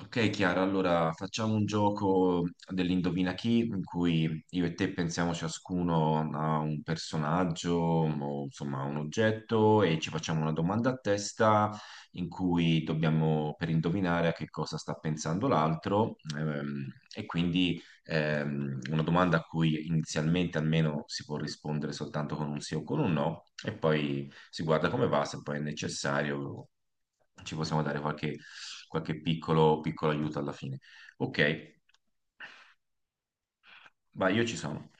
Ok Chiara, allora facciamo un gioco dell'indovina chi, in cui io e te pensiamo ciascuno a un personaggio o insomma a un oggetto e ci facciamo una domanda a testa in cui dobbiamo per indovinare a che cosa sta pensando l'altro e quindi una domanda a cui inizialmente almeno si può rispondere soltanto con un sì o con un no e poi si guarda come va, se poi è necessario ci possiamo dare qualche piccolo, piccolo aiuto alla fine. Ok, vai, io ci sono.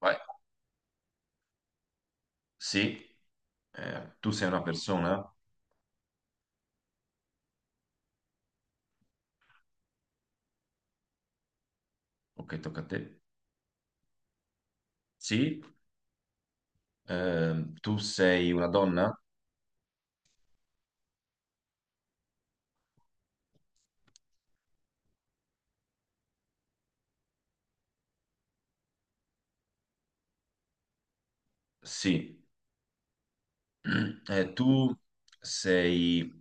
Vai. Sì, tu sei una persona? Ok, tocca a te. Sì, tu sei una donna? Sì. Tu sei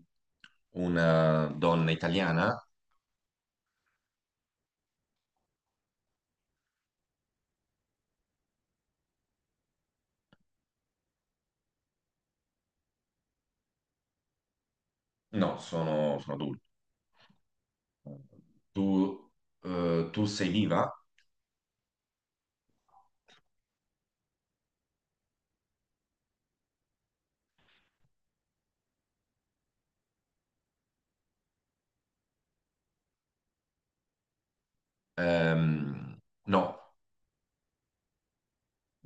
una donna italiana? No, sono adulto. Tu, tu sei viva? Ehm, no,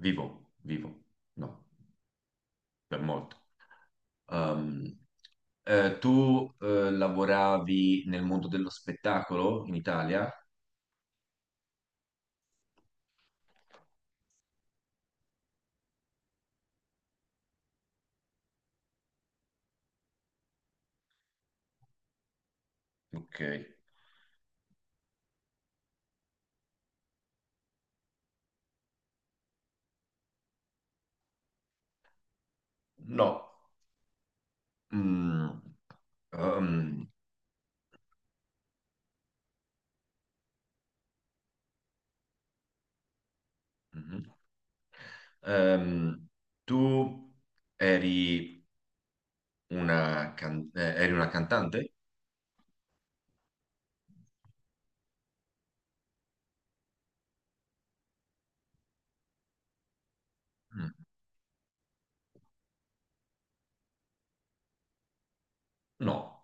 vivo, vivo, no, per molto. Ehm, tu lavoravi nel mondo dello spettacolo in Italia? Ok. No. Mm. um, mhm. Ehm, Tu eri una cantante? Mm. No.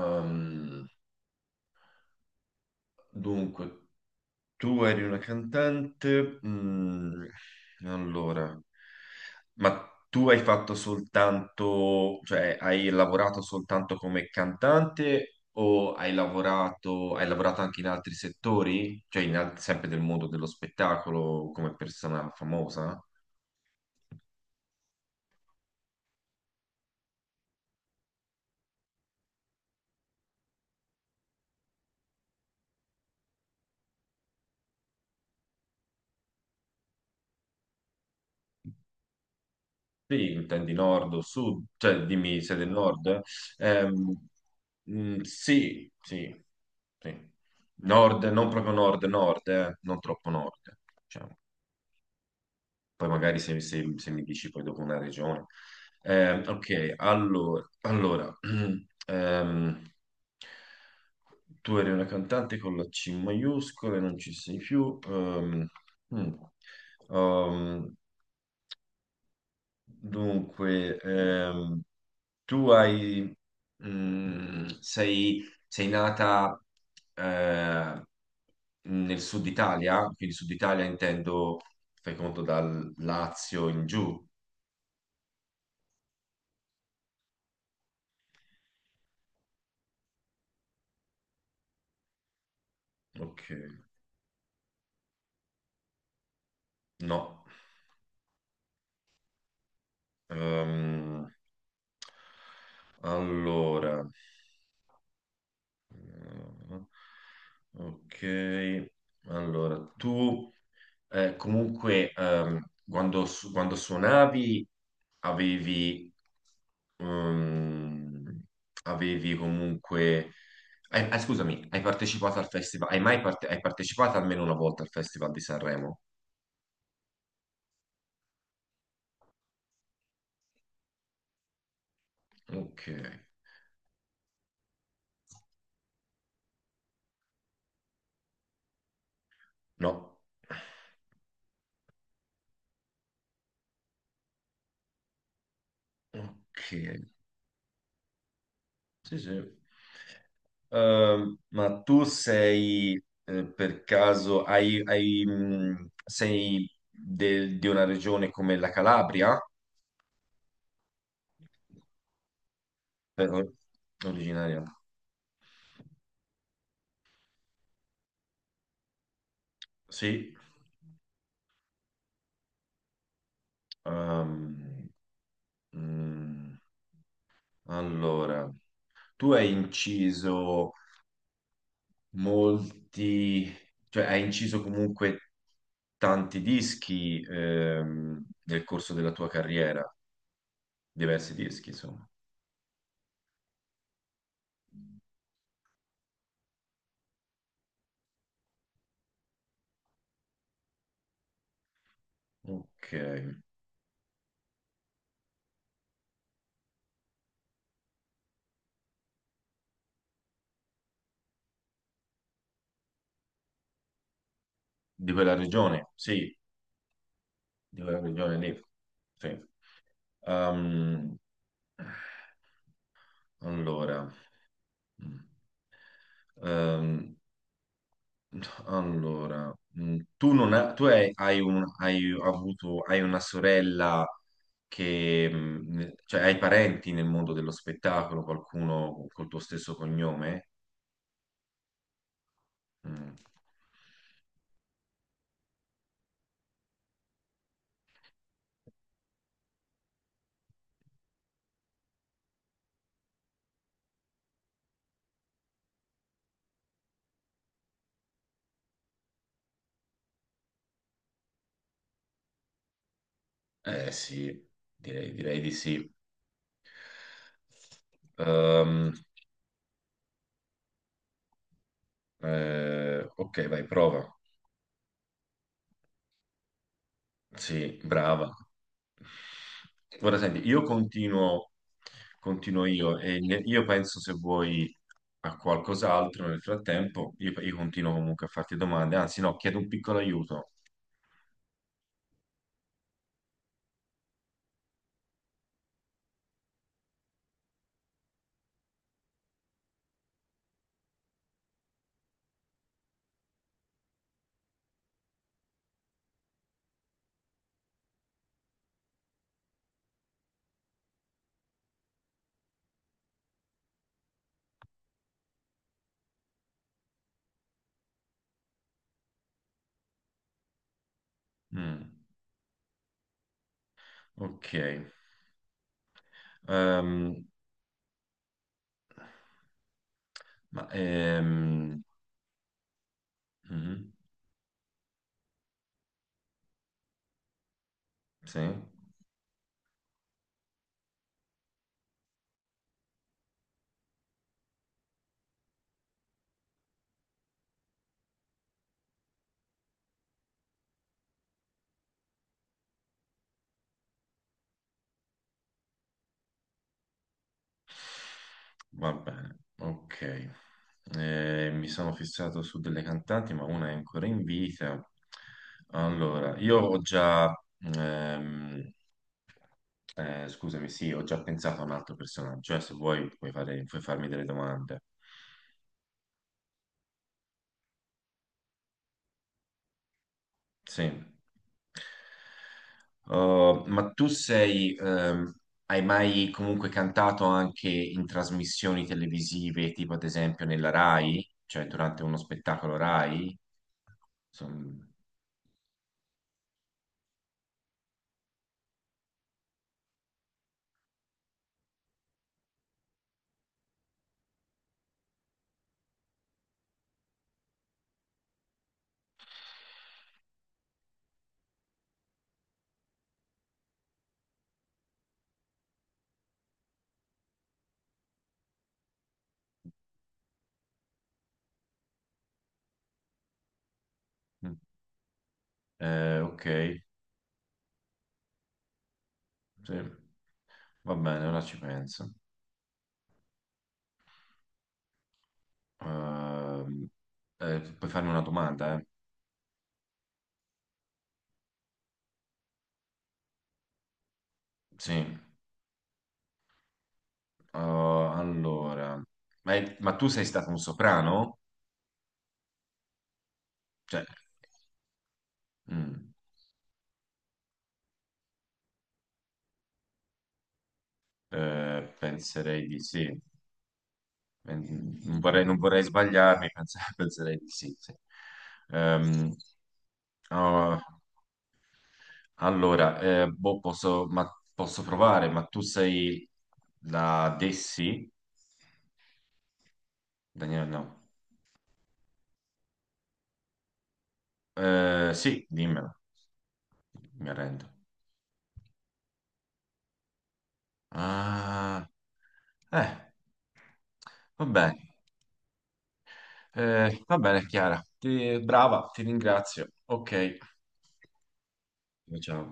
Ehm, dunque. Tu eri una cantante, allora, ma tu hai fatto soltanto, cioè hai lavorato soltanto come cantante o hai lavorato anche in altri settori? Cioè sempre del mondo dello spettacolo come persona famosa? Sì, intendi nord o sud, cioè dimmi se del nord. Ehm, sì, sì, sì. Nord, non proprio nord, non troppo nord, diciamo. Poi magari se mi dici poi dopo una regione. Ok, allora, ehm, tu eri una cantante con la C maiuscola e non ci sei più. Mm. Ehm, Dunque, tu hai, mm, sei, sei nata eh, nel sud Italia, quindi sud Italia intendo, fai conto, dal Lazio in giù. Ok, no. Ehm, allora. Ah, Ok, allora tu comunque quando suonavi avevi, ehm, avevi comunque. Scusami, hai partecipato al festival? Hai mai parte- hai partecipato almeno una volta al Festival di Sanremo? Ok, no. Ok, sì, sì. Ma tu sei per caso sei di una regione come la Calabria? Per- Originaria? Sì. Ehm, mm, allora, tu hai inciso molti, cioè hai inciso comunque tanti dischi nel corso della tua carriera, diversi dischi, insomma. Ok. Di quella regione, sì, di quella regione lì. Sì. Ehm, allora, mm, ehm, allora, tu, non ha- tu hai, hai un- hai avuto, hai una sorella che, cioè hai parenti nel mondo dello spettacolo, qualcuno col tuo stesso cognome? Mm. Eh sì, direi, di sì. Ehm, ok, vai, prova. Sì, brava. Ora senti, io continuo, io penso se vuoi a qualcos'altro nel frattempo, io continuo comunque a farti domande, anzi no, chiedo un piccolo aiuto. Mm, ok, Ehm, ma ehm, mhm, sì, va bene, ok. Mi sono fissato su delle cantanti, ma una è ancora in vita. Allora, ehm, scusami, sì, ho già pensato a un altro personaggio, se vuoi puoi farmi delle domande. Sì. Oh, hai mai comunque cantato anche in trasmissioni televisive, tipo ad esempio nella Rai, cioè durante uno spettacolo Rai? Insomma, mm. Ok, sì. Va bene, ora ci penso. Ehm, Puoi farmi una domanda, eh? Sì. Oh, allora, ma tu sei stato un soprano? Cioè, mm, penserei di sì. Non vorrei sbagliarmi, penserei di sì, sì. Ehm, oh, allora, boh, posso provare, ma tu sei la Dessi? Daniela, no. Sì, dimmelo, mi arrendo. Ah, eh, va bene. Va bene, Chiara. Brava, ti ringrazio. Ok. Ciao.